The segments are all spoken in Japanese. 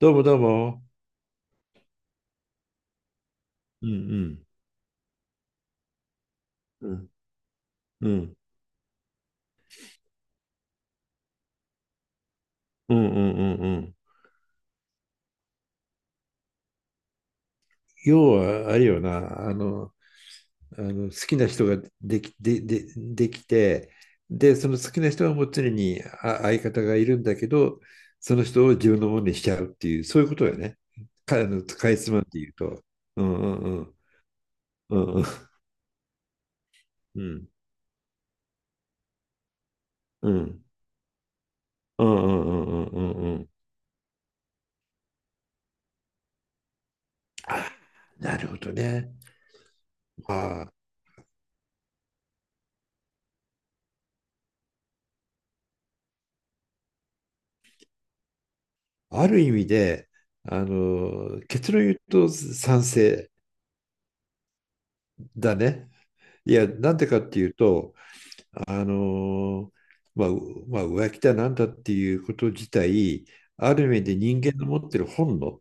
どうもどうも。うんうん、うん。うんうんうんうんうん。要は、あれよな、あの好きな人ができ、できて、で、その好きな人はもう常に相方がいるんだけど、その人を自分のものにしちゃうっていう、そういうことよね。か、あの、かいつまんで言うと。うんうんうん。うんうんうんうんうんうんうんうんうんうん。あ、なるほどね。ああ、ある意味で、あの、結論言うと賛成だね。いや、なんでかっていうと、あの、まあ、浮気だなんだっていうこと自体、ある意味で人間の持ってる本能。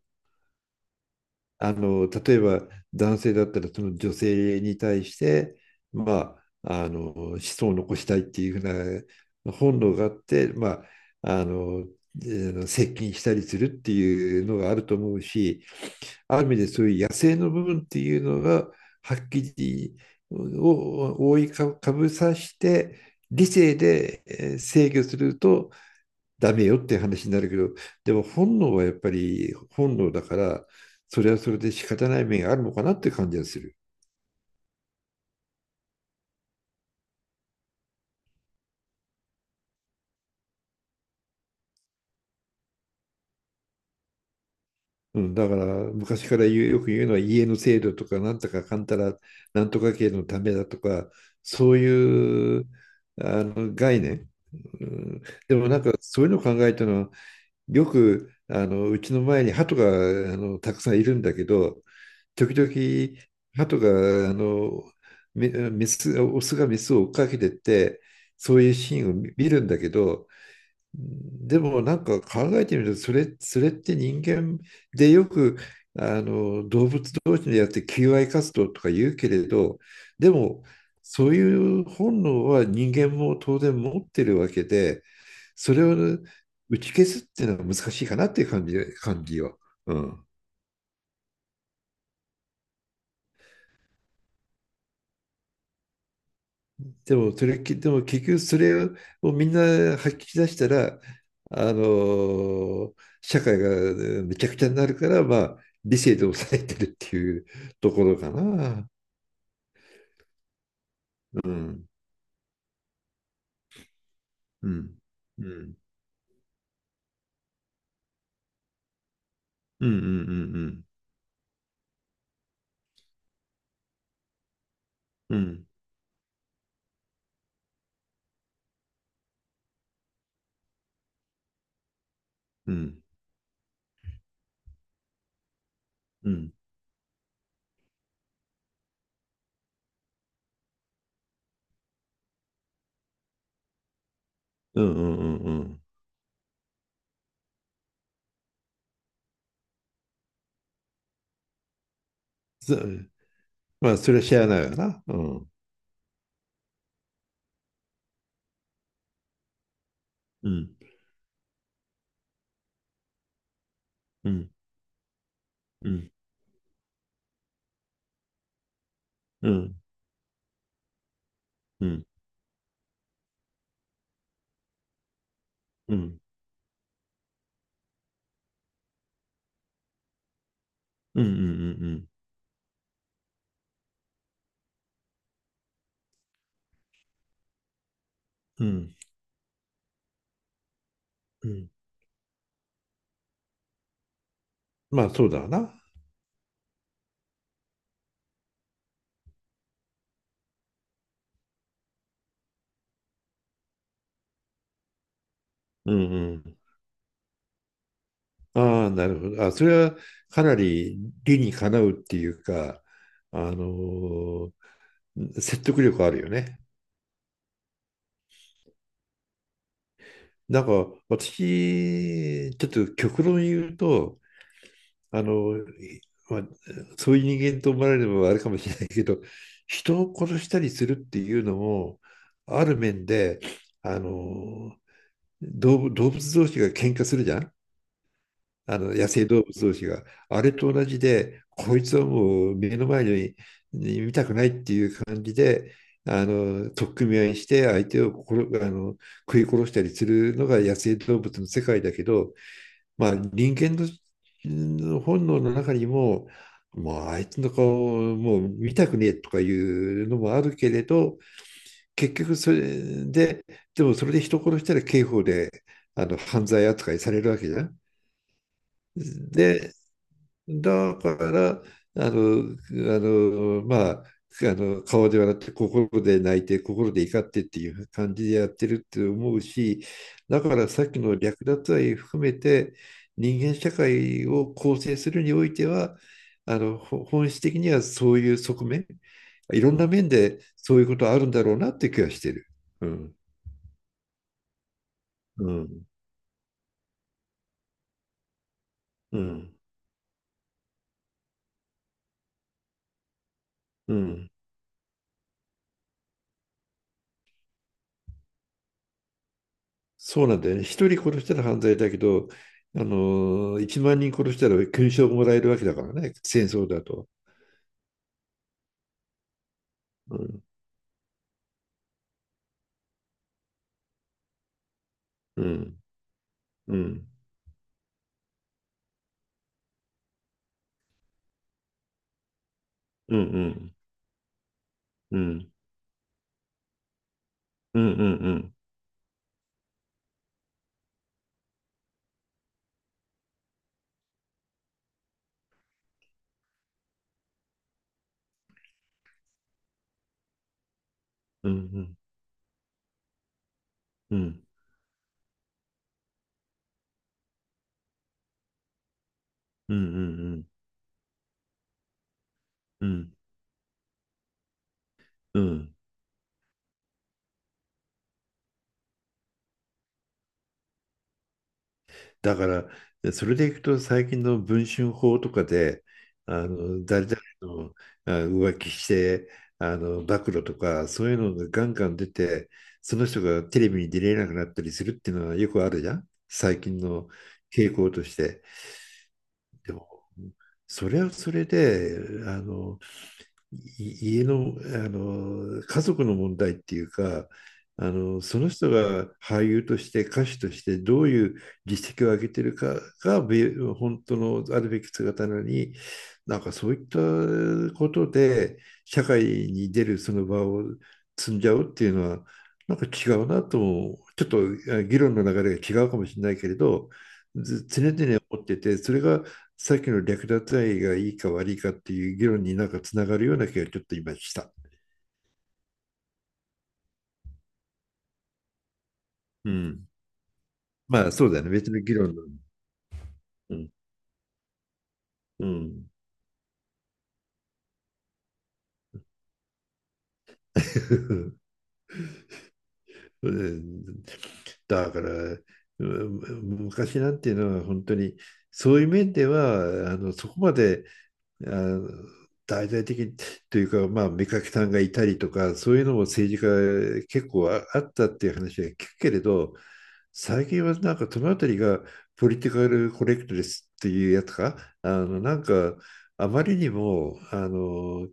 あの、例えば男性だったら、その女性に対して、まああの、子孫を残したいっていうふうな本能があって、まああの、接近したりするっていうのがあると思うし、ある意味でそういう野生の部分っていうのが、はっきりを覆いかぶさして理性で制御するとダメよって話になるけど、でも本能はやっぱり本能だから、それはそれで仕方ない面があるのかなって感じがする。うん、だから昔からよく言うのは、家の制度とかなんとかかんたらなんとか系のためだとか、そういうあの概念、うん、でもなんかそういうのを考えたのは、よくあのうちの前に鳩があのたくさんいるんだけど、時々、鳩が、あの、メス、オスがメスを追っかけてって、そういうシーンを見るんだけど、でもなんか考えてみると、それって人間でよく、あの、動物同士でやって求愛活動とか言うけれど、でも、そういう本能は人間も当然持ってるわけで、それを打ち消すっていうのは難しいかなっていう感じよ。うん。でも、それ、きでも結局それをみんな吐き出したら、あの、社会がめちゃくちゃになるから、まあ、理性で抑えてるっていうところかな。うん。うん。うん。うんうんうんうん。うん。うん。うんうんうんうん。そまあ、それは知らないよな。うん。うん。うん。うん。うん。うん。うん。うん。うん。うん。うん。うん。まあ、そうだな。うんうん。ああ、なるほど。あ、それはかなり理にかなうっていうか、あのー説得力あるよね。なんか私、ちょっと極論言うと、あの、まあ、そういう人間と思われるのはあれかもしれないけど、人を殺したりするっていうのも、ある面で、あの動物同士が喧嘩するじゃん。あの、野生動物同士が、あれと同じで、こいつはもう目の前に見たくないっていう感じで、あの、取っ組み合いして相手を殺あの食い殺したりするのが野生動物の世界だけど、まあ、人間の本能の中にも、もうあいつの顔をもう見たくねえとかいうのもあるけれど、結局それで、でもそれで人殺したら刑法であの犯罪扱いされるわけじゃん。で、だから、あの、まあ、あの、顔で笑って心で泣いて心で怒ってっていう感じでやってるって思うし、だからさっきの略奪愛含めて、人間社会を構成するにおいては、あの本質的にはそういう側面、いろんな面でそういうことあるんだろうなって気がしてる。うんうんうんうん。そうなんだよね。一人殺したら犯罪だけど、あの、一万人殺したら勲章もらえるわけだからね。戦争だと。うんうんうんうんうんうんうんうんうんうんうんうんうんうんうんうん。うん。だから、それでいくと最近の文春法とかで、あの誰々の浮気してあの暴露とか、そういうのがガンガン出て、その人がテレビに出れなくなったりするっていうのはよくあるじゃん、最近の傾向として。でも、それはそれで、あの家の、あの、家族の問題っていうか、あのその人が俳優として歌手としてどういう実績を上げてるかが本当のあるべき姿なのに、なんかそういったことで社会に出るその場を積んじゃうっていうのは、なんか違うなとも、ちょっと議論の流れが違うかもしれないけれど、ず常々思ってて、それがさっきの略奪愛がいいか悪いかっていう議論になんかつながるような気がちょっと今した。うん。まあそうだよね。別の議論の。うん。うん。うん、だから、うん、昔なんていうのは本当にそういう面では、あの、そこまであの大々的にというか、まあ、目かけさんがいたりとか、そういうのも政治家結構あったっていう話は聞くけれど、最近はなんかそのあたりがポリティカルコレクトレスっていうやつか、あのなんか、あまりにもあの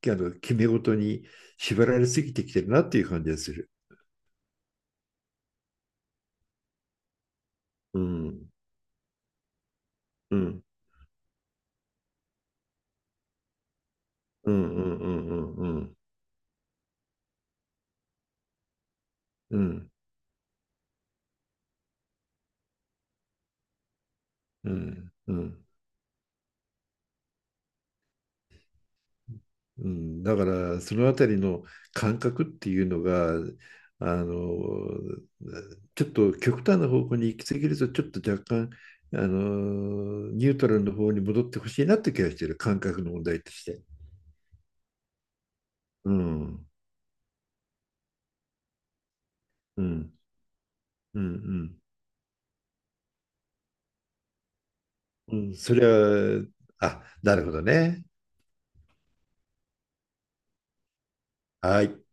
あの決め事に縛られすぎてきてるなっていう感じがする。うん、うん、うん、うん、うん、うん、うん、うん、うん。うん、だからそのあたりの感覚っていうのが、あの、ちょっと極端な方向に行き過ぎると、ちょっと若干あのニュートラルの方に戻ってほしいなって気がしてる、感覚の問題として。うんうんうんうん、うん、それは、なるほどね。はい。